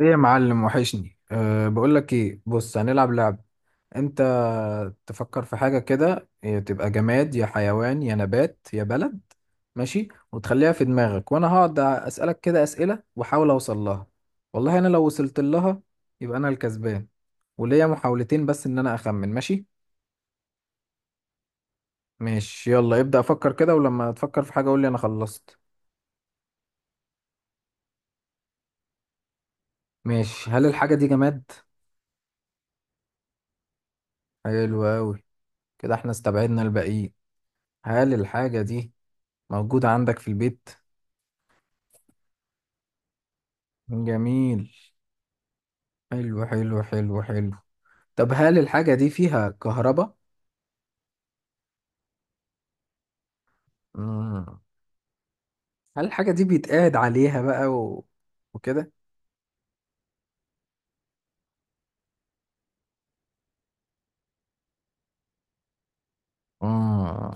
ايه يا معلم وحشني. بقول لك ايه. بص، هنلعب لعب. انت تفكر في حاجه كده إيه، تبقى جماد يا حيوان يا نبات يا بلد. ماشي، وتخليها في دماغك وانا هقعد اسالك كده اسئله واحاول اوصل لها. والله انا لو وصلت لها يبقى انا الكسبان، وليا محاولتين بس ان انا اخمن. ماشي. ماشي يلا ابدا افكر كده، ولما تفكر في حاجه قول لي انا خلصت. ماشي. هل الحاجه دي جماد؟ حلو قوي. كده احنا استبعدنا الباقيين. هل الحاجه دي موجود عندك في البيت؟ جميل. حلو حلو حلو حلو. طب هل الحاجة دي فيها كهرباء؟ مم. هل الحاجة دي بيتقعد عليها بقى وكده؟ مم.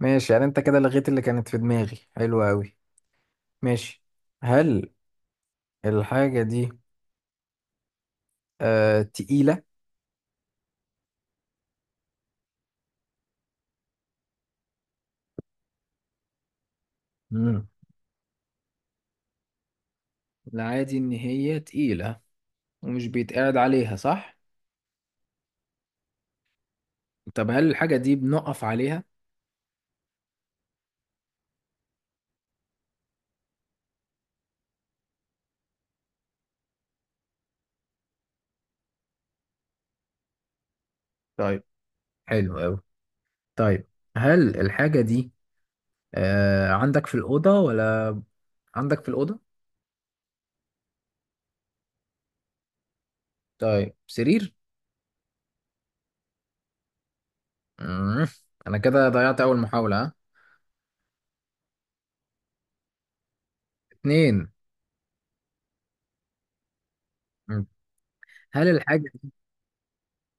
ماشي، يعني انت كده لغيت اللي كانت في دماغي، حلو أوي. ماشي. هل الحاجة دي تقيلة؟ مم. العادي إن هي تقيلة ومش بيتقعد عليها، صح؟ طب هل الحاجة دي بنقف عليها؟ طيب، حلو أوي. طيب هل الحاجة دي عندك في الأوضة ولا عندك في الأوضة؟ طيب، سرير؟ مم. أنا كده ضيعت أول محاولة. ها، اتنين. مم. هل الحاجة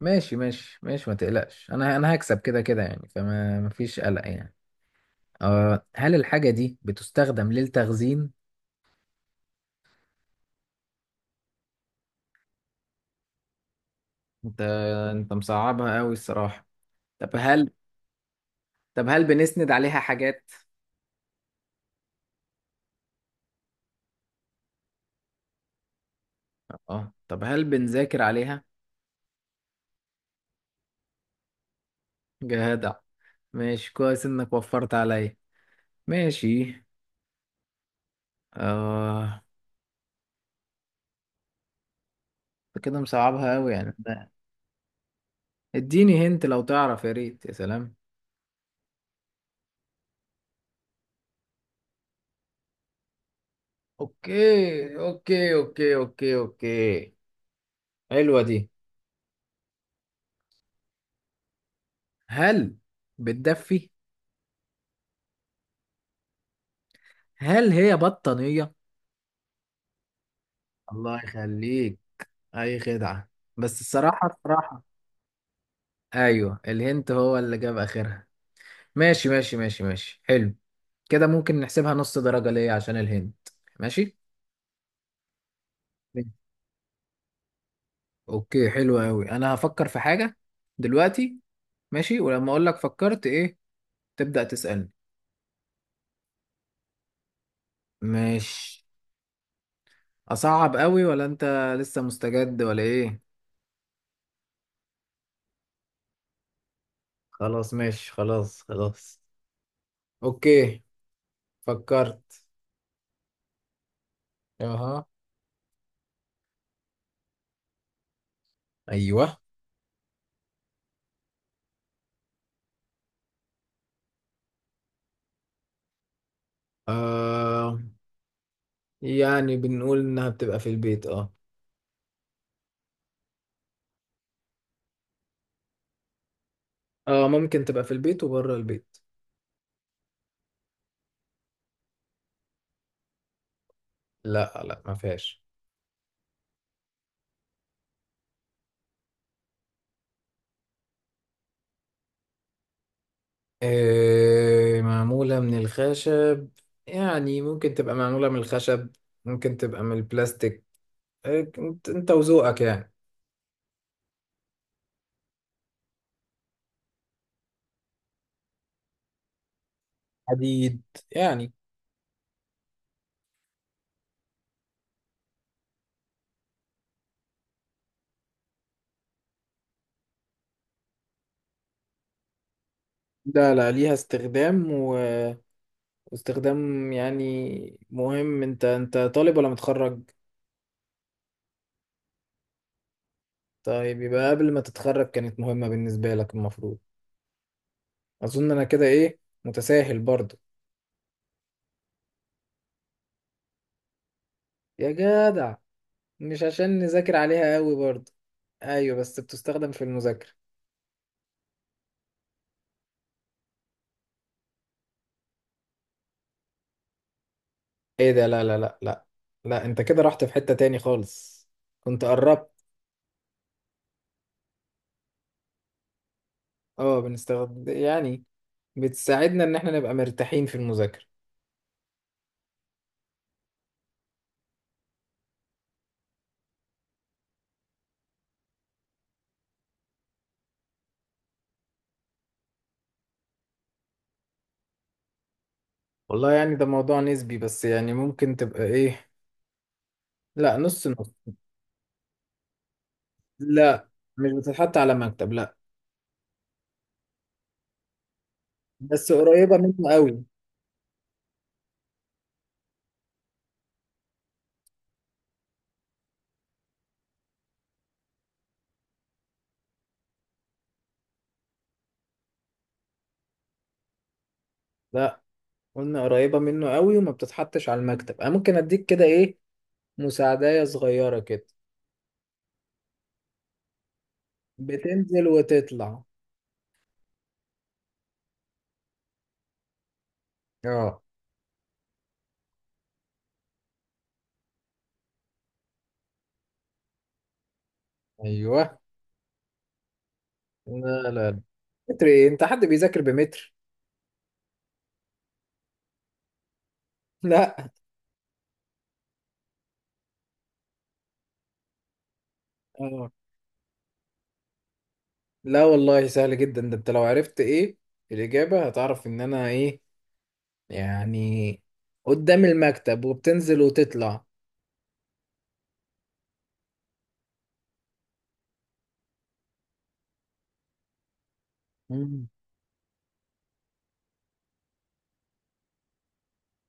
ماشي ماشي ماشي، ما تقلقش. أنا هكسب كده كده يعني، فما مفيش قلق يعني. هل الحاجة دي بتستخدم للتخزين؟ أنت أنت مصعبها أوي الصراحة. طب هل طب هل بنسند عليها حاجات؟ اه. طب هل بنذاكر عليها؟ جدع. ماشي، كويس إنك وفرت عليا. ماشي. آه انت كده مصعبها قوي يعني. اديني هنت لو تعرف، يا ريت يا سلام. اوكي اوكي اوكي اوكي اوكي، حلوة دي. هل بتدفي؟ هل هي بطانية؟ الله يخليك. اي خدعة. بس الصراحة الصراحة ايوه، الهنت هو اللي جاب اخرها. ماشي ماشي ماشي ماشي، حلو. كده ممكن نحسبها نص درجة ليه عشان الهنت. ماشي. ماشي. اوكي، حلو قوي. انا هفكر في حاجة دلوقتي. ماشي، ولما اقول لك فكرت ايه تبدأ تسألني. مش اصعب قوي ولا انت لسه مستجد ولا ايه؟ خلاص ماشي، خلاص خلاص. اوكي. فكرت. اها. ايوه. آه يعني بنقول انها بتبقى في البيت، اه. اه، ممكن تبقى في البيت وبره البيت. لا لا، ما فيهاش. معمولة من الخشب، يعني ممكن تبقى معمولة من الخشب، ممكن تبقى من البلاستيك. إنت وذوقك يعني. حديد يعني. لا لا، ليها استخدام. واستخدام يعني مهم. انت طالب ولا متخرج؟ طيب، يبقى قبل ما تتخرج كانت مهمة بالنسبة لك المفروض. اظن انا كده ايه، متساهل برضو. يا جدع. مش عشان نذاكر عليها قوي برضو؟ ايوه بس بتستخدم في المذاكرة. ايه ده، لا لا لا لا لا. انت كده رحت في حتة تاني خالص. كنت قربت. اه، بنستخدم يعني. بتساعدنا ان احنا نبقى مرتاحين في المذاكرة. والله يعني ده موضوع نسبي، بس يعني ممكن تبقى ايه. لا، نص نص. لا، مش بتتحط على مكتب، لا. بس قريبة منه قوي. لا، قلنا قريبة منه قوي وما بتتحطش على المكتب. انا ممكن اديك كده ايه، مساعدة صغيرة كده. بتنزل وتطلع. اه. ايوه. لا لا لا. متر ايه، انت حد بيذاكر بمتر؟ لا. اه، لا والله سهل جدا. ده انت لو عرفت ايه الاجابة هتعرف ان انا ايه يعني. قدام المكتب وبتنزل وتطلع. مم.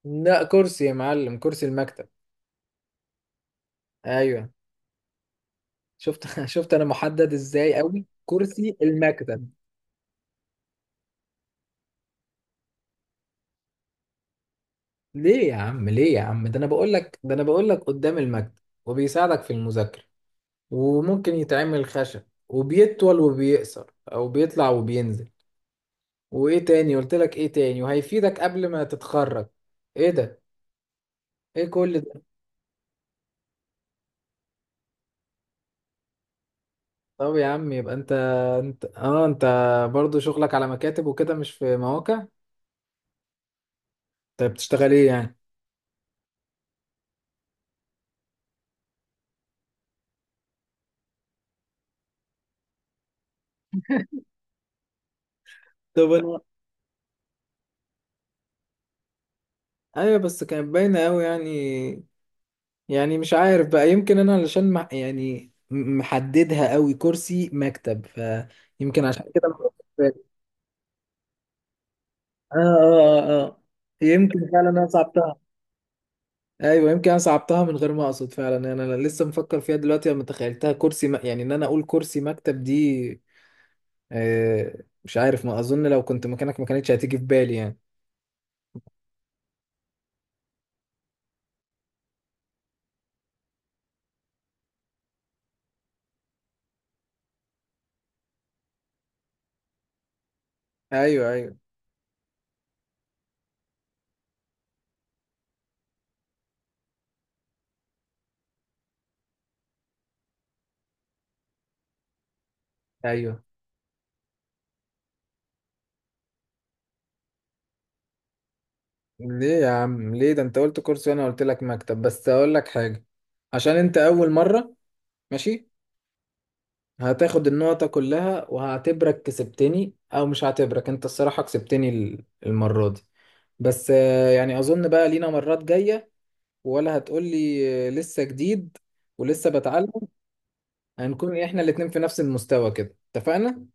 لا، كرسي يا معلم، كرسي المكتب. ايوه. شفت شفت انا محدد ازاي قوي كرسي المكتب. ليه يا عم، ليه يا عم. ده انا بقول لك، ده انا بقول لك قدام المكتب وبيساعدك في المذاكرة وممكن يتعمل خشب وبيطول وبيقصر او بيطلع وبينزل، وايه تاني قلت لك ايه تاني وهيفيدك قبل ما تتخرج. ايه ده، ايه كل ده. طب يا عم، يبقى انت. انت برضو شغلك على مكاتب وكده مش في مواقع. طيب بتشتغل ايه يعني؟ طب انا. ايوه بس كانت باينه قوي يعني مش عارف بقى، يمكن انا علشان مع يعني محددها قوي كرسي مكتب، فيمكن عشان كده ما جاتش في بالي. اه اه اه آه. يمكن فعلا انا صعبتها. ايوه، يمكن انا صعبتها من غير ما اقصد فعلا. أنا لسه مفكر فيها دلوقتي لما تخيلتها كرسي يعني ان انا اقول كرسي مكتب دي. مش عارف، ما اظن لو كنت مكانك ما كانتش هتيجي في بالي يعني. ايوه ايوه ايوه. ليه يا عم، ليه. ده انت قلت كرسي وانا قلت لك مكتب. بس اقول لك حاجه، عشان انت اول مره، ماشي، هتاخد النقطة كلها وهعتبرك كسبتني، أو مش هعتبرك أنت الصراحة كسبتني المرة دي. بس يعني أظن بقى لينا مرات جاية، ولا هتقولي لسه جديد ولسه بتعلم. هنكون إحنا الاتنين في نفس المستوى كده، اتفقنا؟